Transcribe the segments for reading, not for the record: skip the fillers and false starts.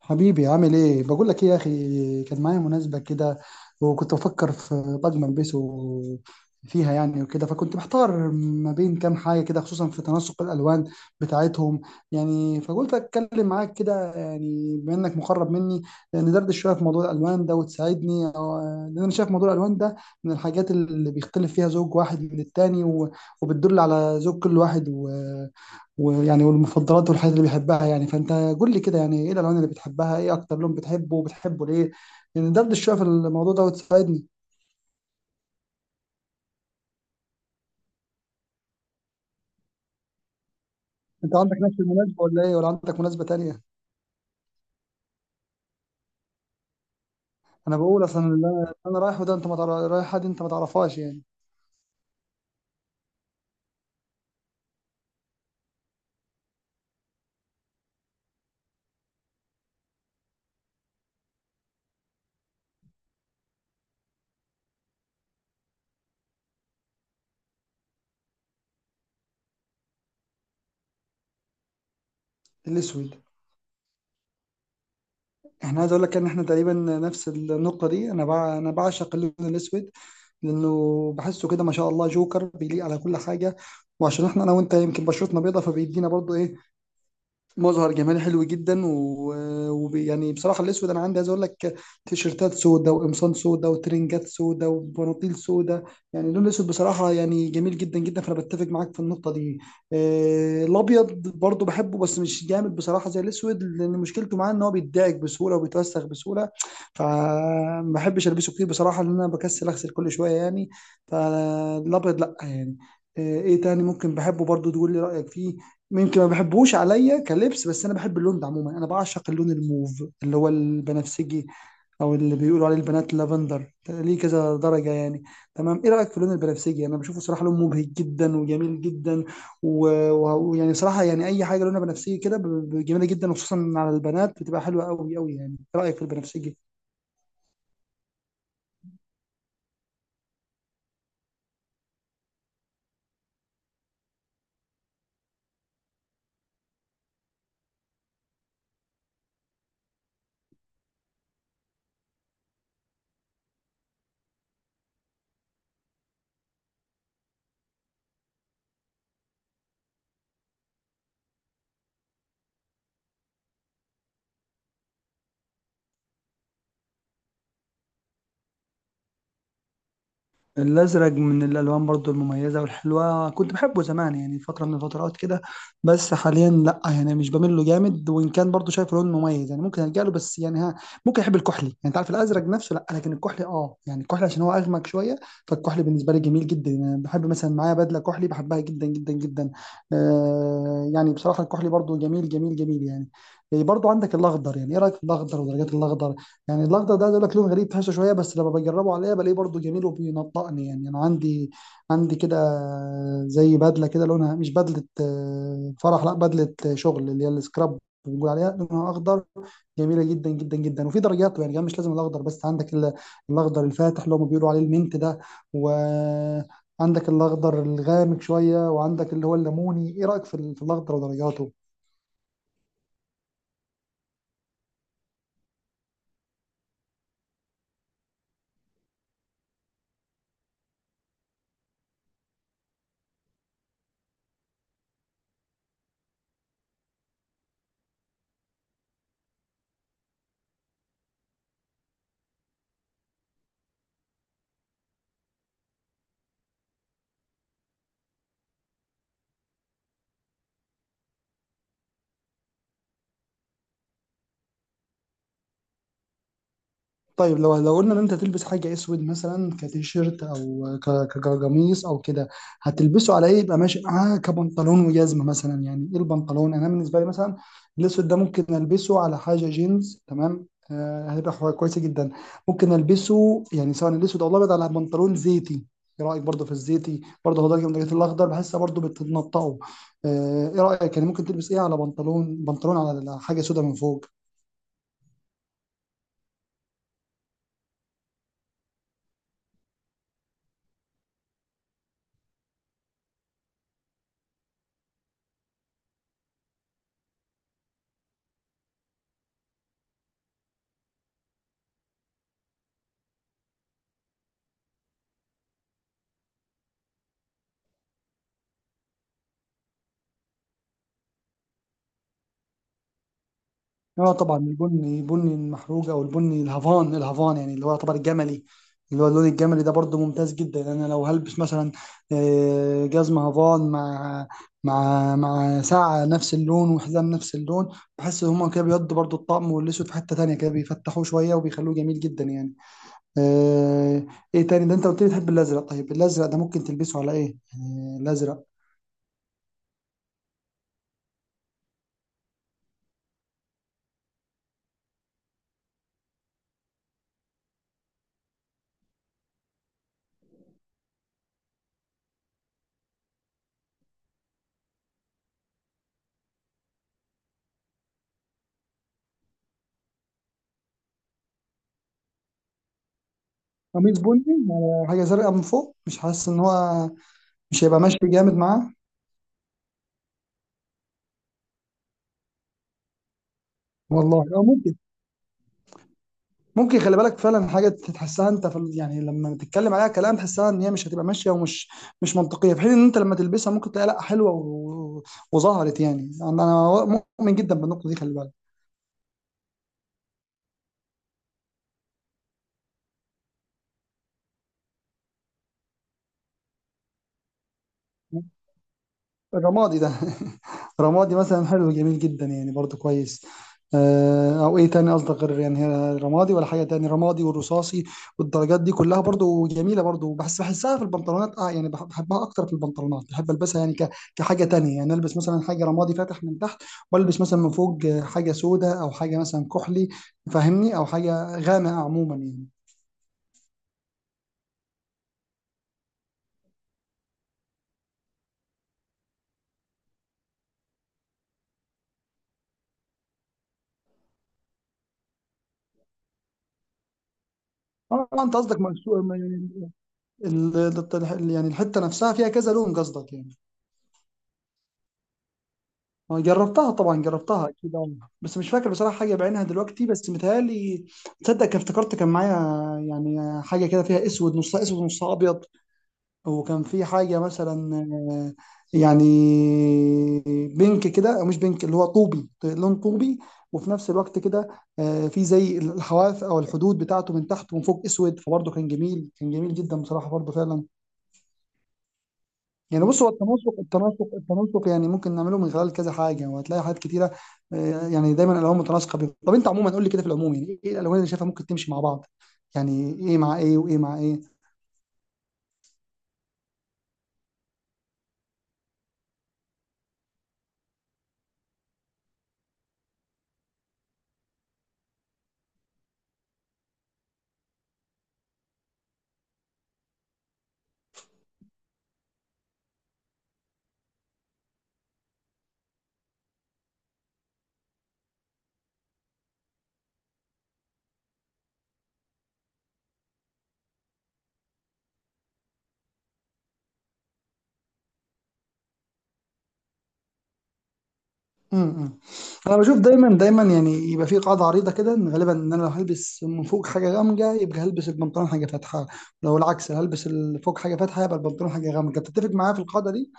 حبيبي، عامل ايه؟ بقول لك ايه يا اخي، كان معايا مناسبة كده وكنت بفكر في طقم البسه فيها يعني وكده، فكنت محتار ما بين كام حاجة كده، خصوصا في تناسق الالوان بتاعتهم. يعني فقلت اتكلم معاك كده، يعني بما انك مقرب مني، ندردش شوية في موضوع الالوان ده وتساعدني لان انا شايف موضوع الالوان ده من الحاجات اللي بيختلف فيها زوج واحد من التاني وبتدل على ذوق كل واحد ويعني والمفضلات والحاجات اللي بيحبها يعني. فانت قول لي كده، يعني ايه الالوان اللي بتحبها؟ ايه اكتر لون بتحبه وبتحبه ليه؟ يعني دردش شويه في الموضوع ده وتساعدني. انت عندك نفس المناسبه ولا ايه؟ ولا عندك مناسبه تانية؟ انا بقول اصلا اللي أنا رايحه ده، انت ما تعرف، رايح حد انت ما تعرفهاش يعني. الاسود، احنا عايز اقول لك ان احنا تقريبا نفس النقطه دي. انا بعشق اللون الاسود، لانه بحسه كده ما شاء الله جوكر بيليق على كل حاجه. وعشان احنا انا وانت يمكن بشرتنا بيضه، فبيدينا برضو ايه مظهر جمالي حلو جدا و- وبي يعني بصراحه الاسود انا عندي، عايز اقول لك، تيشيرتات سودا وقمصان سودا وترنجات سودا وبناطيل سودا. يعني اللون الاسود بصراحه يعني جميل جدا جدا، فانا بتفق معاك في النقطه دي. آه، الابيض برضو بحبه بس مش جامد بصراحه زي الاسود، لان مشكلته معاه ان هو بيتضايق بسهوله وبيتوسخ بسهوله، فما بحبش البسه كتير بصراحه، لان انا بكسل اغسل كل شويه يعني. فالابيض لا يعني. آه، ايه تاني ممكن بحبه برضو، تقول لي رايك فيه؟ يمكن ما بحبهوش عليا كلبس، بس انا بحب اللون ده عموما. انا بعشق اللون الموف اللي هو البنفسجي، او اللي بيقولوا عليه البنات لافندر، ليه كذا درجه يعني. تمام، ايه رايك في اللون البنفسجي؟ انا بشوفه صراحه لون مبهج جدا وجميل جدا ويعني صراحه، يعني اي حاجه لونها بنفسجي كده جميله جدا، وخصوصا على البنات بتبقى حلوه قوي قوي يعني. ايه رايك في البنفسجي؟ الازرق من الالوان برضو المميزه والحلوه. كنت بحبه زمان يعني فتره من الفترات كده، بس حاليا لا يعني مش بميل له جامد، وان كان برضو شايف لون مميز يعني ممكن الجا له، بس يعني ها. ممكن احب الكحلي. يعني انت عارف، الازرق نفسه لا، لكن الكحلي اه يعني الكحلي، عشان هو اغمق شويه. فالكحلي بالنسبه لي جميل جدا. يعني بحب مثلا معايا بدله كحلي، بحبها جدا جدا جدا. آه يعني بصراحه الكحلي برضو جميل جميل جميل يعني. برضو عندك الاخضر. يعني ايه رايك في الاخضر ودرجات الاخضر؟ يعني الاخضر ده عايز اقول لك لون غريب تحسه شويه، بس لما بجربه عليا بلاقيه برضه جميل وبينطقني. يعني انا عندي كده، زي بدله كده لونها، مش بدله آه، فرح، لا، بدله آه، شغل، اللي هي السكراب، بنقول عليها لونها اخضر. جميله جدا جدا جدا. وفي درجاته يعني كمان، مش لازم الاخضر بس. عندك الاخضر الفاتح اللي هم بيقولوا عليه المنت ده، وعندك الاخضر الغامق شويه، وعندك اللي هو الليموني. ايه رايك في في الاخضر ودرجاته؟ طيب، لو قلنا ان انت تلبس حاجه اسود، مثلا كتيشيرت او كقميص او كده، هتلبسه على ايه يبقى ماشي معاه كبنطلون وجزمه مثلا؟ يعني ايه البنطلون؟ انا بالنسبه لي مثلا الاسود ده ممكن البسه على حاجه جينز، تمام، هيبقى كويس جدا. ممكن البسه يعني سواء الاسود او الابيض على بنطلون زيتي. ايه رايك برضه في الزيتي؟ برضه هو درجه من درجات الاخضر بحسها، برضه بتنطقه. ايه رايك؟ يعني ممكن تلبس ايه على بنطلون على حاجه سودة من فوق؟ اه طبعا، البني، البني المحروق او البني الهافان، الهافان يعني اللي هو يعتبر الجملي، اللي هو اللون الجملي ده، برضو ممتاز جدا. انا لو هلبس مثلا آه، جزمه هافان مع مع ساعه نفس اللون وحزام نفس اللون، بحس ان هما كده بيودوا برضو الطقم، والاسود في حته تانية كده بيفتحوه شويه وبيخلوه جميل جدا يعني. آه، ايه تاني ده؟ انت قلت لي تحب الازرق. طيب الازرق ده ممكن تلبسه على ايه؟ آه، الازرق قميص بني على حاجه زرقاء من فوق؟ مش حاسس ان هو مش هيبقى ماشي جامد معاه. والله اه ممكن، ممكن. خلي بالك، فعلا حاجه تحسها انت يعني لما تتكلم عليها كلام تحسها ان هي مش هتبقى ماشيه ومش مش منطقيه، في حين ان انت لما تلبسها ممكن تلاقي لا حلوه وظهرت يعني. انا مؤمن جدا بالنقطه دي، خلي بالك. الرمادي ده رمادي مثلا حلو، جميل جدا يعني، برضو كويس. آه، او ايه تاني قصدك غير يعني هي رمادي؟ ولا حاجه تاني، رمادي والرصاصي والدرجات دي كلها برضو جميله. برضو بحسها في البنطلونات، اه يعني بحبها اكتر في البنطلونات، بحب البسها يعني كحاجه تانية. يعني البس مثلا حاجه رمادي فاتح من تحت، والبس مثلا من فوق آه، حاجه سوداء او حاجه مثلا كحلي، فاهمني، او حاجه غامقه عموما يعني. اه انت قصدك يعني الحته نفسها فيها كذا لون قصدك يعني؟ أه، جربتها طبعا، جربتها اكيد أه. بس مش فاكر بصراحه حاجه بعينها دلوقتي، بس متهيألي تصدق كان افتكرت، كان معايا يعني حاجه كده فيها اسود، نصها اسود نصها ابيض، وكان في حاجه مثلا آه، يعني بينك كده، أو مش بينك، اللي هو طوبي، لون طوبي، وفي نفس الوقت كده آه، في زي الحواف او الحدود بتاعته من تحت ومن فوق اسود، فبرضه كان جميل، كان جميل جدا بصراحه برضه فعلا. يعني بص، هو التناسق، التناسق التناسق، يعني ممكن نعمله من خلال كذا حاجه، وهتلاقي حاجات كتيره. آه، يعني دايما الالوان متناسقه، طب انت عموما قول لي كده في العموم، يعني ايه الالوان اللي شايفها ممكن تمشي مع بعض؟ يعني ايه مع ايه وايه مع ايه؟ امم انا بشوف دايما دايما يعني، يبقى في قاعده عريضه كده، ان غالبا، ان انا لو هلبس من فوق حاجه غامقه يبقى هلبس البنطلون حاجه فاتحه، لو العكس هلبس فوق حاجه فاتحه يبقى البنطلون حاجه غامقه. بتتفق معايا في القاعده دي؟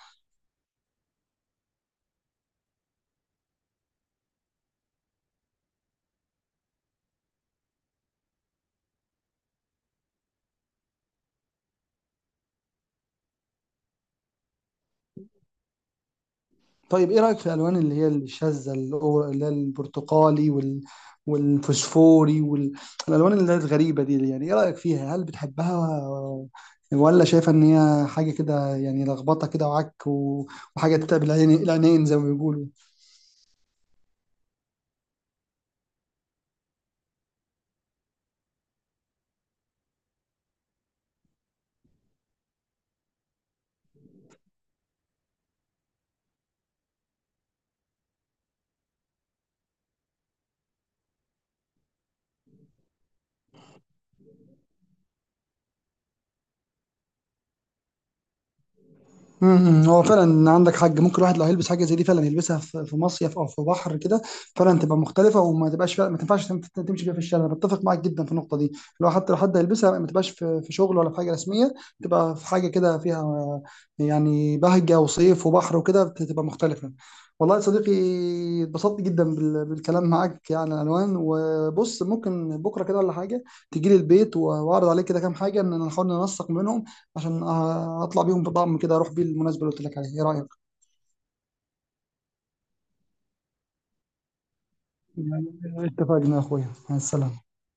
طيب، ايه رأيك في الالوان اللي هي الشاذة، اللي هي البرتقالي وال... والفوسفوري والالوان اللي هي الغريبة دي؟ يعني ايه رأيك فيها؟ هل بتحبها ولا شايفة ان هي حاجة كده يعني لخبطة كده وعك و... وحاجة تتعب العين العينين زي ما بيقولوا؟ هو فعلا عندك حاج، ممكن الواحد لو هيلبس حاجه زي دي فعلا يلبسها في مصيف او في بحر كده، فعلا تبقى مختلفه وما تبقاش، فعلا ما تنفعش تمشي بيها في الشارع. انا بتفق معاك جدا في النقطه دي. لو حتى لو حد هيلبسها ما تبقاش في شغل ولا في حاجه رسميه، تبقى في حاجه كده فيها يعني بهجه وصيف وبحر وكده تبقى مختلفه. والله يا صديقي اتبسطت جدا بالكلام معاك عن الالوان. وبص، ممكن بكره كده ولا حاجه تجي لي البيت، واعرض عليك كده كام حاجه ان نحاول ننسق منهم، عشان آه، اطلع بيهم بطعم كده اروح بيه المناسبة اللي قلت لك عليها. ايه رأيك؟ اتفقنا يا اخويا، مع السلامة.